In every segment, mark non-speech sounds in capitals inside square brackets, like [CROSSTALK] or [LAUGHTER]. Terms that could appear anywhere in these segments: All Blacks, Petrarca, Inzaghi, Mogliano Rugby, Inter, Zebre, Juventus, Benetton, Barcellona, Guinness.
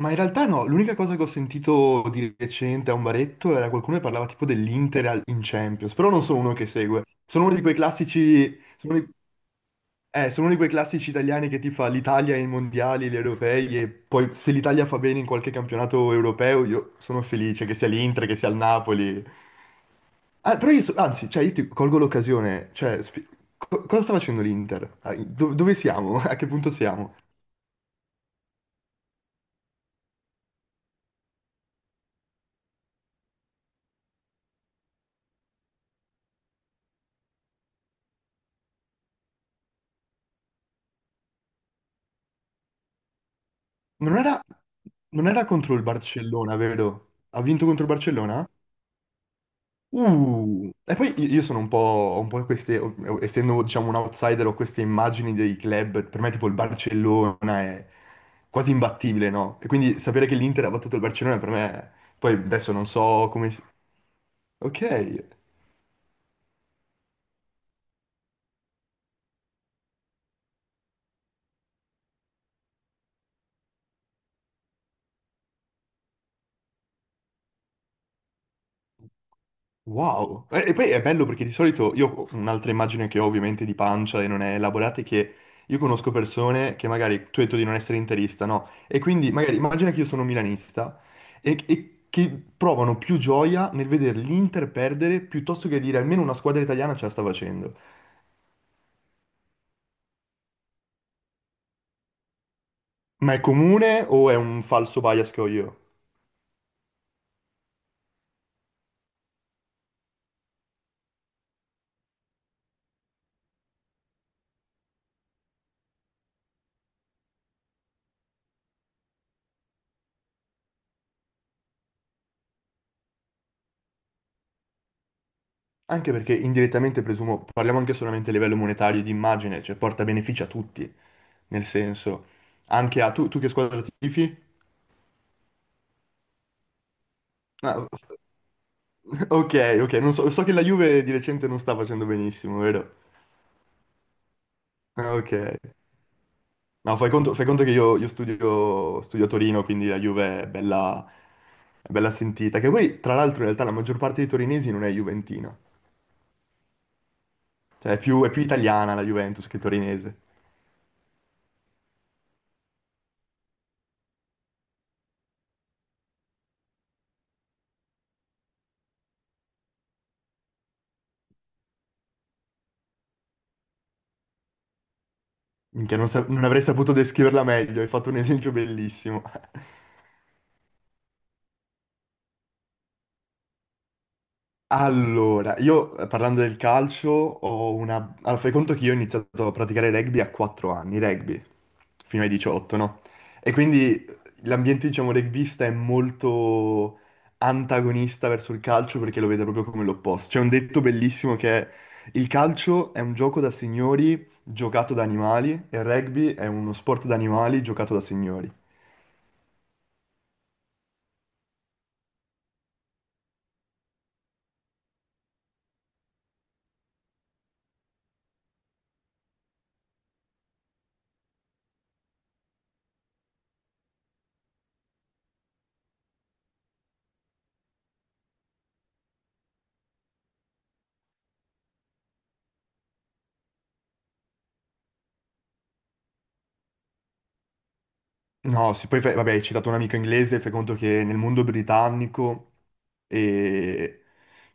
Ma in realtà no, l'unica cosa che ho sentito di recente a un baretto era qualcuno che parlava tipo dell'Inter in Champions, però non sono uno che segue, sono uno di quei classici, sono uno di quei classici italiani che ti fa l'Italia ai mondiali, gli europei e poi se l'Italia fa bene in qualche campionato europeo io sono felice, che sia l'Inter, che sia il Napoli. Ah, però io, anzi, cioè io ti colgo l'occasione, cioè, cosa sta facendo l'Inter? Ah, dove siamo? [LAUGHS] A che punto siamo? Non era, non era contro il Barcellona, vero? Ha vinto contro il Barcellona? E poi io sono un po', ho un po' queste, essendo diciamo un outsider, ho queste immagini dei club, per me tipo il Barcellona è quasi imbattibile, no? E quindi sapere che l'Inter ha battuto il Barcellona per me, poi adesso non so come... Ok. Wow! E poi è bello perché di solito io ho un'altra immagine che ho ovviamente di pancia e non è elaborata, è che io conosco persone che magari, tu hai detto di non essere interista, no? E quindi magari immagina che io sono milanista e che provano più gioia nel vedere l'Inter perdere piuttosto che dire almeno una squadra italiana ce la sta facendo. Ma è comune o è un falso bias che ho io? Anche perché indirettamente presumo, parliamo anche solamente a livello monetario e di immagine, cioè porta benefici a tutti, nel senso, anche a tu che squadra tifi? Ah, [LAUGHS] ok, ok, non so, so che la Juve di recente non sta facendo benissimo, vero? Ah, ok. No, fai conto che io studio a Torino, quindi la Juve è bella sentita. Che poi, tra l'altro, in realtà la maggior parte dei torinesi non è juventina. Cioè, è più italiana la Juventus che torinese. Minchia, non avrei saputo descriverla meglio, hai fatto un esempio bellissimo. [LAUGHS] Allora, io parlando del calcio ho una... Allora, fai conto che io ho iniziato a praticare rugby a 4 anni, rugby, fino ai 18, no? E quindi l'ambiente, diciamo, rugbista è molto antagonista verso il calcio perché lo vede proprio come l'opposto. C'è un detto bellissimo, che è: il calcio è un gioco da signori giocato da animali e il rugby è uno sport da animali giocato da signori. No, sì, poi vabbè, hai citato un amico inglese, fai conto che nel mondo britannico, e...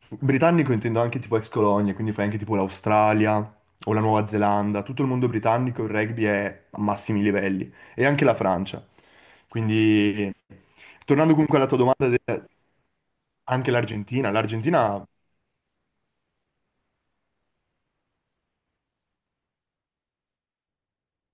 britannico intendo anche tipo ex colonia, quindi fai anche tipo l'Australia o la Nuova Zelanda, tutto il mondo britannico il rugby è a massimi livelli, e anche la Francia. Quindi, tornando comunque alla tua domanda, anche l'Argentina.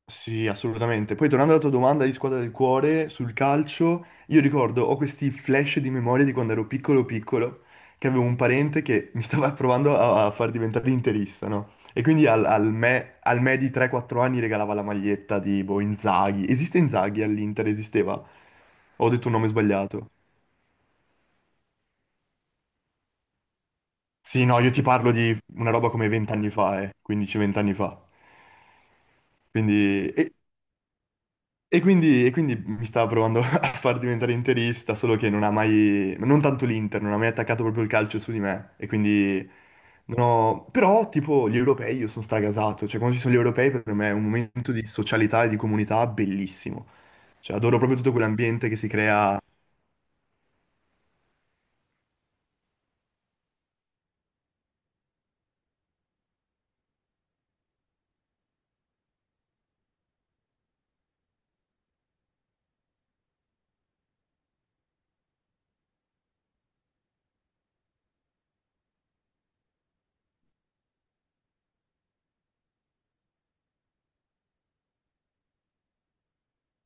Sì, assolutamente. Poi tornando alla tua domanda di squadra del cuore sul calcio, io ricordo, ho questi flash di memoria di quando ero piccolo piccolo, che avevo un parente che mi stava [LAUGHS] provando a far diventare interista, no? E quindi al me di 3-4 anni regalava la maglietta di boh, Inzaghi. Esiste Inzaghi all'Inter? Esisteva? Ho detto un nome sbagliato. Sì, no, io ti parlo di una roba come 20 anni fa, 15-20 anni fa. Quindi, e quindi. E quindi, mi stava provando [LAUGHS] a far diventare interista, solo che non ha mai, non tanto l'Inter, non ha mai attaccato proprio il calcio su di me. E quindi non ho- però tipo gli europei io sono stragasato, cioè quando ci sono gli europei per me è un momento di socialità e di comunità bellissimo. Cioè adoro proprio tutto quell'ambiente che si crea.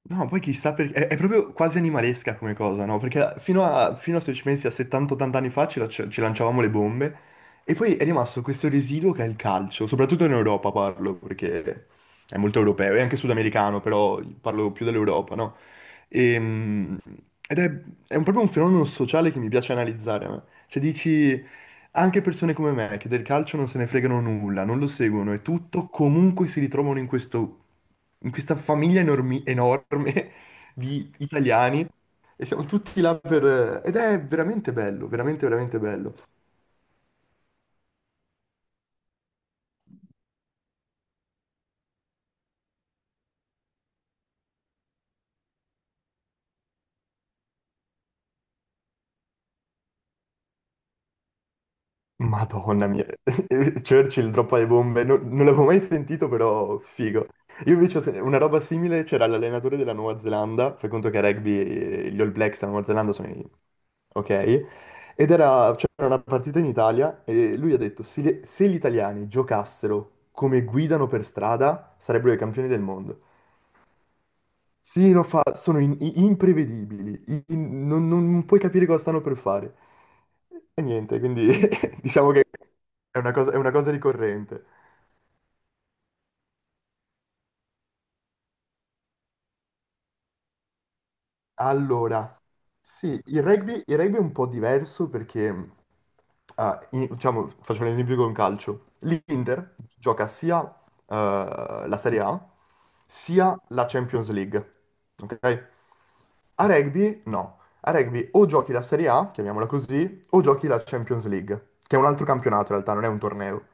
No, poi chissà perché... È proprio quasi animalesca come cosa, no? Perché fino a, se ci pensi, a 70-80 anni fa ci lanciavamo le bombe e poi è rimasto questo residuo che è il calcio, soprattutto in Europa, parlo, perché è molto europeo e anche sudamericano, però parlo più dell'Europa, no? Ehm, ed è proprio un fenomeno sociale che mi piace analizzare, a me. Cioè dici, anche persone come me che del calcio non se ne fregano nulla, non lo seguono e tutto, comunque si ritrovano in questo in questa famiglia enorme [LAUGHS] di italiani, e siamo tutti là per... ed è veramente bello, veramente, veramente bello. Madonna mia, [LAUGHS] Churchill droppa le bombe, non l'avevo mai sentito, però figo. Io invece ho una roba simile, c'era l'allenatore della Nuova Zelanda, fai conto che a rugby gli All Blacks della Nuova Zelanda sono i... ok? C'era una partita in Italia e lui ha detto: se, gli italiani giocassero come guidano per strada sarebbero i campioni del mondo. Sì, no, sono imprevedibili, non puoi capire cosa stanno per fare. E niente, quindi [LAUGHS] diciamo che è una cosa ricorrente. Allora, sì, il rugby è un po' diverso perché, diciamo, faccio un esempio con calcio. L'Inter gioca sia eh, la Serie A sia la Champions League, ok? A rugby no. A rugby o giochi la Serie A, chiamiamola così, o giochi la Champions League, che è un altro campionato in realtà, non è un torneo.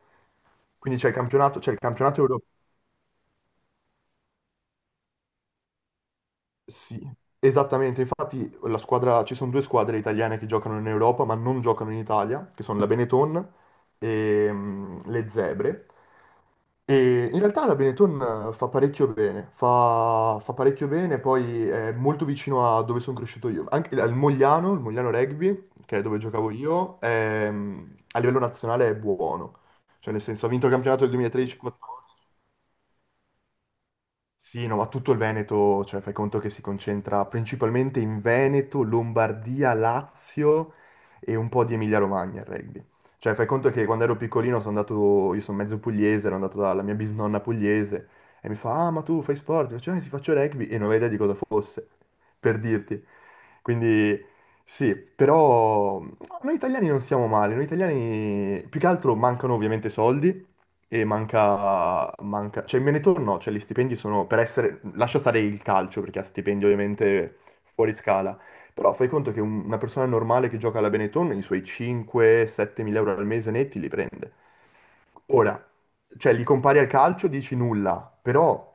Quindi c'è il campionato europeo. Sì, esattamente. Infatti la squadra, ci sono due squadre italiane che giocano in Europa, ma non giocano in Italia, che sono la Benetton e le Zebre. E in realtà la Benetton fa parecchio bene, fa parecchio bene, poi è molto vicino a dove sono cresciuto io. Anche al Mogliano, il Mogliano Rugby, che è dove giocavo io, a livello nazionale è buono. Cioè nel senso, ha vinto il campionato del 2013-14. Sì, no, ma tutto il Veneto, cioè fai conto che si concentra principalmente in Veneto, Lombardia, Lazio e un po' di Emilia-Romagna, il rugby. Cioè fai conto che quando ero piccolino sono andato, io sono mezzo pugliese, ero andato dalla mia bisnonna pugliese e mi fa: ah, ma tu fai sport? Faccio, sì, faccio rugby, e non avevo idea di cosa fosse, per dirti. Quindi sì, però no, noi italiani non siamo male, noi italiani più che altro mancano ovviamente soldi e manca, cioè il Benetton no, cioè gli stipendi sono, per essere, lascia stare il calcio perché ha stipendi ovviamente fuori scala, però fai conto che una persona normale che gioca alla Benetton i suoi 5-7 mila euro al mese netti li prende. Ora, cioè li compari al calcio, dici nulla, però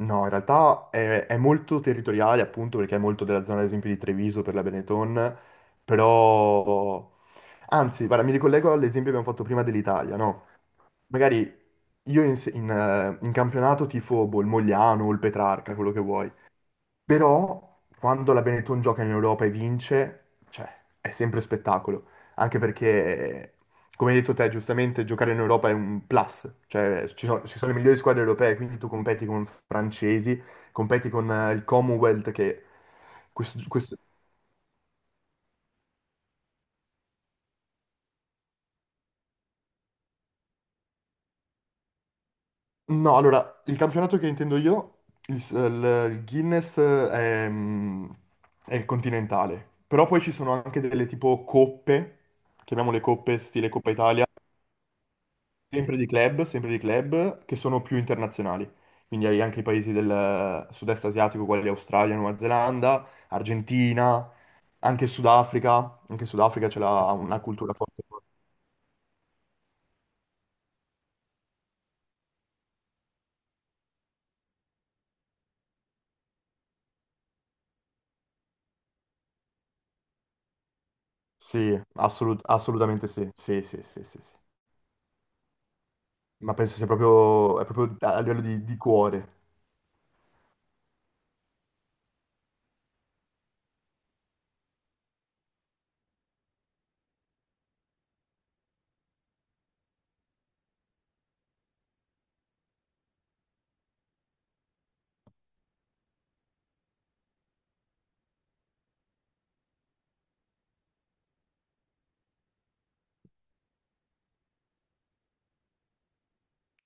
no, in realtà è molto territoriale, appunto perché è molto della zona, ad esempio di Treviso per la Benetton, però anzi, guarda, mi ricollego all'esempio che abbiamo fatto prima, dell'Italia, no? Magari io in, se- in, in campionato tifo boh, il Mogliano o il Petrarca, quello che vuoi, però quando la Benetton gioca in Europa e vince, cioè, è sempre spettacolo, anche perché, come hai detto te, giustamente giocare in Europa è un plus, cioè ci sono le migliori squadre europee, quindi tu competi con francesi, competi con il Commonwealth che... Questo no, allora, il campionato che intendo io, il, s- il- il Guinness, è, mm, è continentale, però poi ci sono anche delle tipo coppe, chiamiamole coppe, stile Coppa Italia, sempre di club, che sono più internazionali. Quindi hai anche i paesi del sud-est asiatico, quali Australia, Nuova Zelanda, Argentina, anche Sudafrica ce l'ha una cultura forte. Sì, assolutamente sì, sì, sì, sì, sì. Sì. Ma penso sia proprio, è proprio a livello di cuore.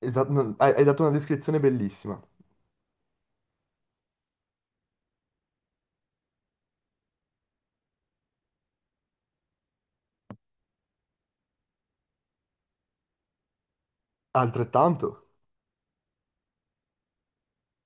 Esatto, hai, hai dato una descrizione bellissima. Altrettanto.